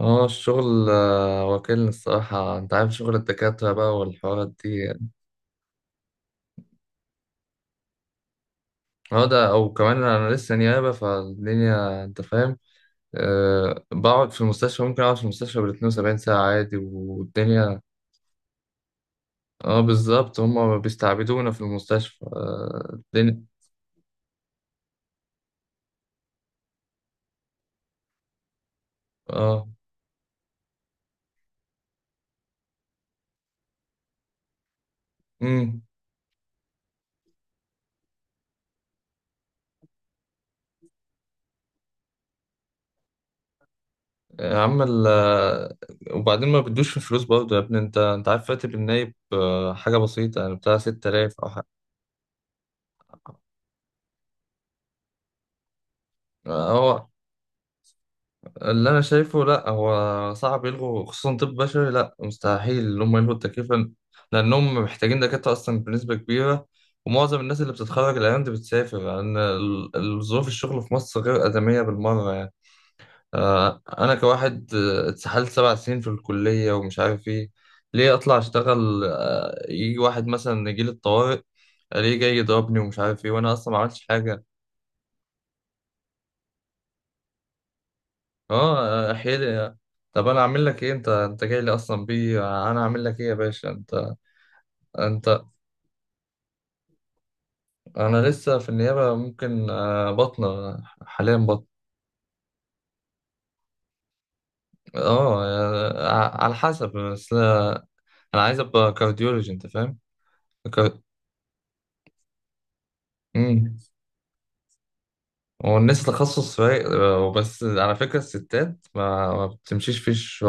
اه الشغل، واكلني الصراحة. انت عارف شغل الدكاترة بقى والحوارات دي. اه ده او كمان انا لسه نيابة فالدنيا، انت فاهم. بقعد في المستشفى، ممكن اقعد في المستشفى بال 72 ساعة عادي والدنيا. اه بالظبط، هما بيستعبدونا في المستشفى. الدنيا. اه امم عمل. وبعدين ما بدوش في فلوس برضه يا ابني. انت عارف راتب النايب، حاجة بسيطة يعني، بتاع 6000 او حاجة. اه، هو اللي انا شايفه لا، هو صعب يلغوا، خصوصا طب بشري. لا مستحيل ان هم يلغوا التكليف، لانهم محتاجين دكاتره اصلا بنسبه كبيره. ومعظم الناس اللي بتتخرج الايام دي بتسافر لان ظروف الشغل في مصر غير ادميه بالمره يعني. انا كواحد اتسحلت 7 سنين في الكليه ومش عارف ايه، ليه اطلع اشتغل؟ يجي واحد مثلا يجي لي الطوارئ، ليه جاي يضربني ومش عارف ايه وانا اصلا ما عملتش حاجه؟ اه احيلي. طب انا اعمل لك ايه؟ انت جاي لي اصلا بيه، انا اعمل لك ايه يا باشا انت؟ انت. انا لسه في النيابه، ممكن بطنه، حاليا بطن. اه على حسب بس. انا عايز ابقى كارديولوجي، انت فاهم؟ كا- امم هو الناس تخصص فايق. بس على فكره الستات ما بتمشيش فيش. و...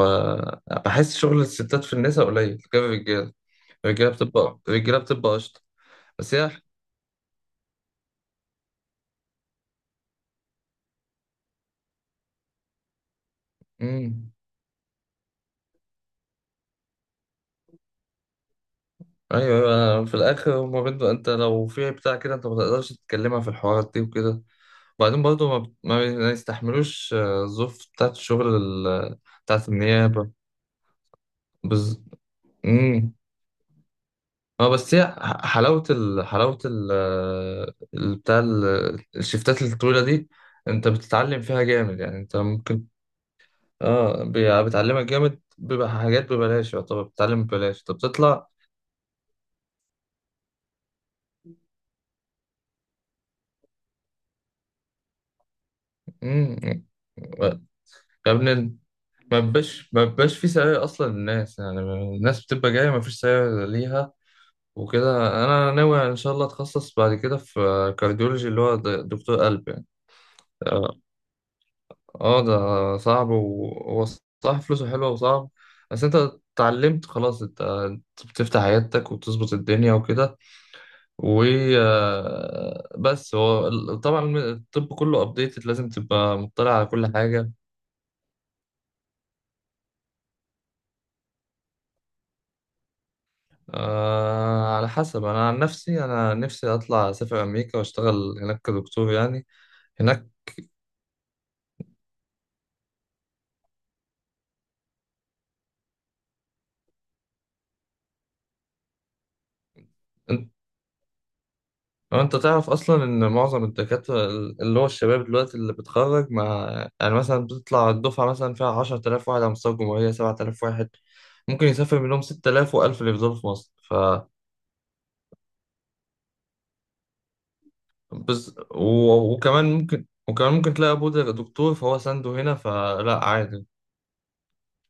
بحس شغل الستات في النساء قليل غير الرجاله. الرجاله بتبقى قشطه. بس هي. امم ايوه، أيوة. في الاخر هما بنته، انت لو في بتاع كده انت ما تقدرش تتكلمها في الحوارات دي وكده. وبعدين برضه ما, بت- ما بي- ما يستحملوش الظروف بتاعت الشغل ال- بتاعت النيابه. بز... امم اه بس هي ح- حلاوه ال... حلاوه ال... آه، ال- بتاع ال... الشفتات الطويله دي، انت بتتعلم فيها جامد يعني. انت ممكن، بتعلمك جامد، بيبقى حاجات ببلاش، يعتبر بتتعلم ببلاش، انت بتطلع. امم يا ابني، ما بيبقاش في سعي اصلا للناس يعني. الناس بتبقى جايه، ما فيش سعي ليها. وكده انا ناوي ان شاء الله اتخصص بعد كده في كارديولوجي، اللي هو دكتور قلب يعني. اه. ده صعب، وهو صح فلوسه حلوه وصعب، بس انت اتعلمت خلاص. أنت بتفتح عيادتك وبتظبط الدنيا وكده، و بس هو ال- طبعا الطب كله ابديتد، لازم تبقى مطلع على كل حاجه. على حسب. أنا عن نفسي أنا نفسي أطلع أسافر أمريكا وأشتغل هناك كدكتور يعني. هناك. أنت أنت تعرف أصلا إن معظم الدكاترة اللي هو الشباب دلوقتي اللي بتخرج مع، يعني مثلا بتطلع الدفعة مثلا فيها 10,000 واحد على مستوى الجمهورية، 7,000 واحد ممكن يسافر منهم، 6000 و1000 اللي يفضلوا في مصر. ف بز... و... وكمان ممكن تلاقي أبوه ده دكتور، فهو سنده هنا فلا عادي.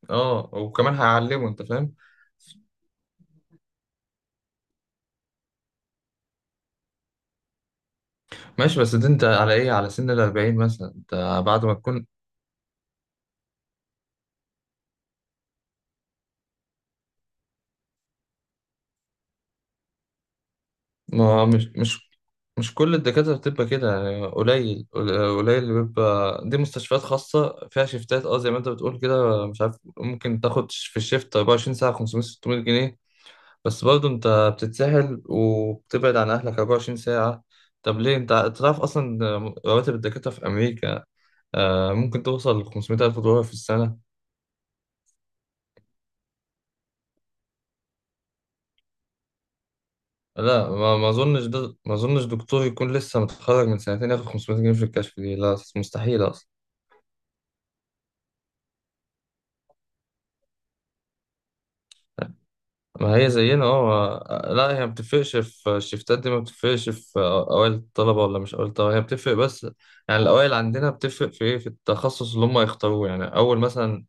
اه، وكمان هيعلمه، أنت فاهم. ماشي، بس دي انت على ايه، على سن الأربعين مثلا انت، بعد ما تكون. ما مش مش مش كل الدكاترة بتبقى كده يعني، قليل اللي بيبقى. دي مستشفيات خاصة فيها شيفتات، زي ما انت بتقول كده، مش عارف، ممكن تاخد في الشيفت 24 ساعة 500 600 جنيه. بس برضه انت بتتسهل وبتبعد عن أهلك 24 ساعة. طب ليه؟ انت تعرف أصلا رواتب الدكاترة في أمريكا ممكن توصل ل 500 ألف دولار في السنة. لا، ما اظنش ده، ما اظنش دكتور يكون لسه متخرج من سنتين ياخد 500 جنيه في الكشف دي، لا مستحيل اصلا. ما هي زينا اه. لا هي ما بتفرقش في الشفتات دي، ما بتفرقش في اوائل الطلبه ولا مش اوائل الطلبه. هي بتفرق بس يعني الاوائل عندنا بتفرق في ايه؟ في التخصص اللي هم يختاروه، يعني اول مثلا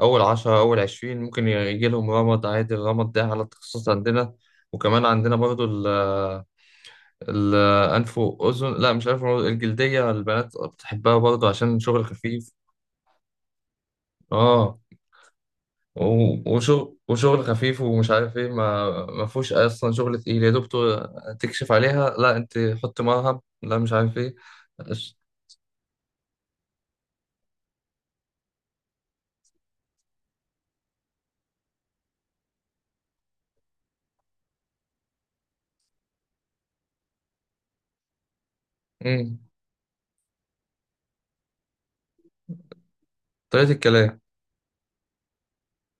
اول 10 اول 20 ممكن يجي لهم رمد عادي، الرمد ده على التخصص عندنا. وكمان عندنا برضو ال الأنف وأذن، لا مش أنف وأذن، الجلدية. البنات بتحبها برضو عشان شغل خفيف. اه وشغل خفيف ومش عارف ايه. ما فيهوش اصلا شغل تقيل يا دكتور، تكشف عليها، لا انت حط مرهم، لا مش عارف ايه. أش- امم طريقة الكلام.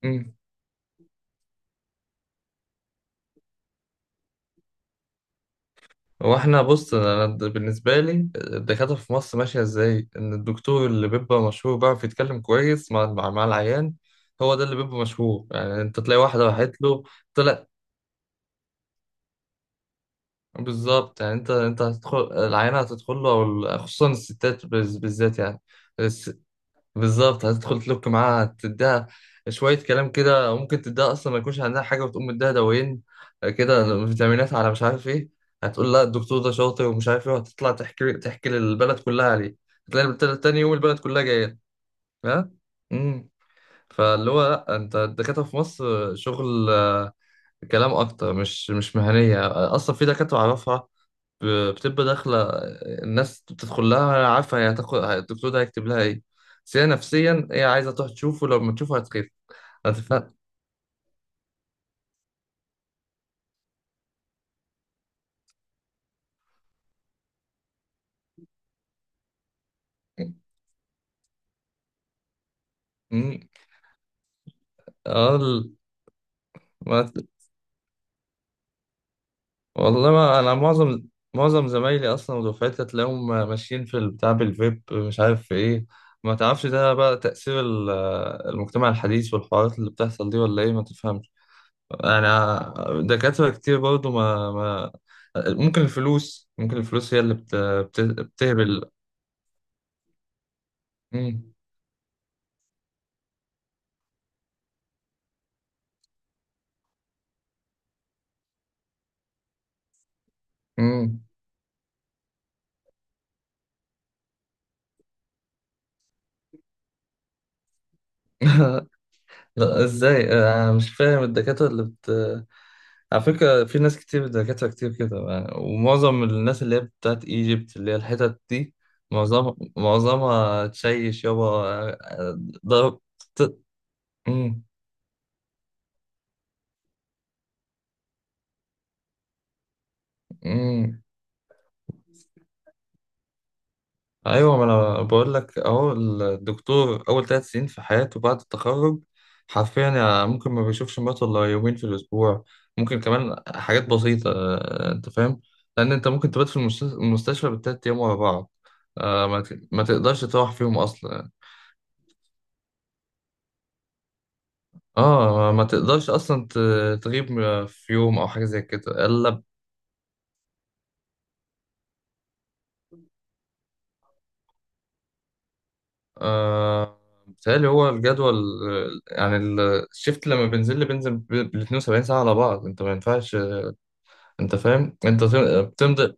امم هو احنا بص، بالنسبة لي الدكاترة في مصر ماشية ازاي؟ ان الدكتور اللي بيبقى مشهور بيعرف يتكلم كويس مع العيان. هو ده اللي بيبقى مشهور يعني. انت تلاقي واحد راحت له، طلع. بالظبط يعني، انت هتدخل العيانة، هتدخل له او ال-، خصوصا الستات بز- بالذات يعني. بالظبط، هتدخل تلوك معاها، تديها شوية كلام كده. ممكن تديها أصلا ما يكونش عندها حاجة، وتقوم مديها دوايين كده، فيتامينات على مش عارف إيه. هتقول لا الدكتور ده شاطر ومش عارف إيه، وهتطلع تحكي للبلد كلها عليه. تاني يوم البلد كلها جاية. ها. امم فاللي هو لا، أنت الدكاترة في مصر شغل كلام أكتر، مش مهنية. أصلا في دكاترة أعرفها بتبقى داخلة، الناس بتدخل لها عارفة هي هتاخد الدكتور ده هيكتب لها ايه، بس هي نفسيا هي عايزة تروح تشوفه، لو ما تشوفه هتخف. هتفهم. مم. اه ال- ما... والله ما انا، معظم زمايلي اصلا ودفعتي هتلاقيهم ماشيين في البتاع بالفيب، مش عارف في ايه. ما تعرفش ده بقى تأثير ال- المجتمع الحديث والحوارات اللي بتحصل دي، ولا ايه ما تفهمش. انا دكاترة كتير برضو، ما ما ممكن الفلوس هي اللي بتهبل. مم. مم. لا ازاي؟ انا مش فاهم الدكاترة اللي بت. على فكرة في ناس كتير، دكاترة كتير كده، ومعظم الناس اللي هي بتاعت ايجيبت اللي هي الحتت دي، معظم معظمها تشيش يابا. آه، ضرب. ت- مم. مم. ايوه، ما انا بقول لك اهو، الدكتور اول 3 سنين في حياته بعد التخرج حرفيا يعني ممكن ما بيشوفش مراته الا يومين في الاسبوع. ممكن كمان حاجات بسيطه، انت فاهم، لان انت ممكن تبات في المستشفى بال3 ايام ورا بعض. ما ما تقدرش تروح فيهم اصلا. اه ما تقدرش اصلا تغيب في يوم او حاجه زي كده الا ب-. آه بيتهيألي هو الجدول، يعني ال- الشيفت لما بنزل لي بنزل ب 72 ساعه على بعض، انت ما ينفعش. انت فاهم، انت بتمضي،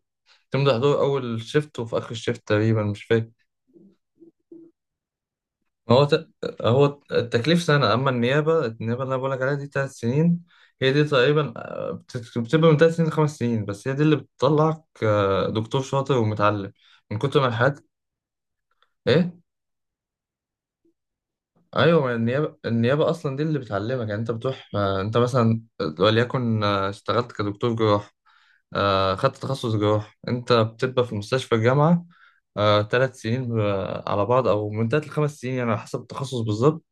بتمضي حضور اول شيفت وفي اخر شيفت تقريبا، مش فاكر. هو ت... هو التكليف سنه، اما النيابه اللي انا بقولك عليها دي 3 سنين. هي دي تقريبا، بتبقى من 3 سنين لخمس سنين. بس هي دي اللي بتطلعك دكتور شاطر ومتعلم، من كتر ما الحاجات. ايه. ايوه ما النيابه اصلا دي اللي بتعلمك. يعني انت بتروح انت مثلا وليكن اشتغلت كدكتور جراحه. خدت تخصص جراح، انت بتبقى في مستشفى الجامعة 3 سنين على بعض او من 3 لخمس سنين يعني على حسب التخصص بالظبط.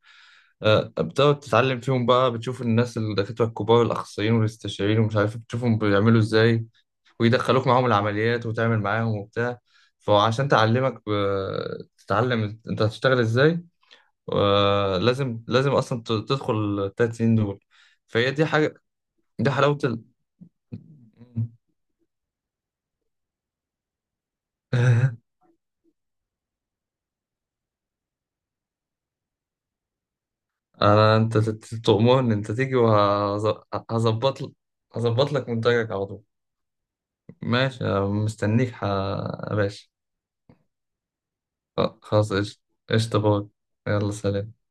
بتقعد تتعلم فيهم بقى، بتشوف الناس الدكاترة الكبار الأخصائيين والاستشاريين ومش عارف، بتشوفهم بيعملوا ازاي، ويدخلوك معاهم العمليات وتعمل معاهم وبتاع. فعشان تعلمك تتعلم انت هتشتغل ازاي، لازم اصلا تدخل ال3 سنين دول. فهي دي حاجة، دي حلاوة ال... انا تؤمرني، انت تيجي وهظبط لك، هظبط لك منتجك على طول. ماشي، أنا مستنيك يا باشا. خلاص، قشطة. قشطة، باي. يلا، سلام.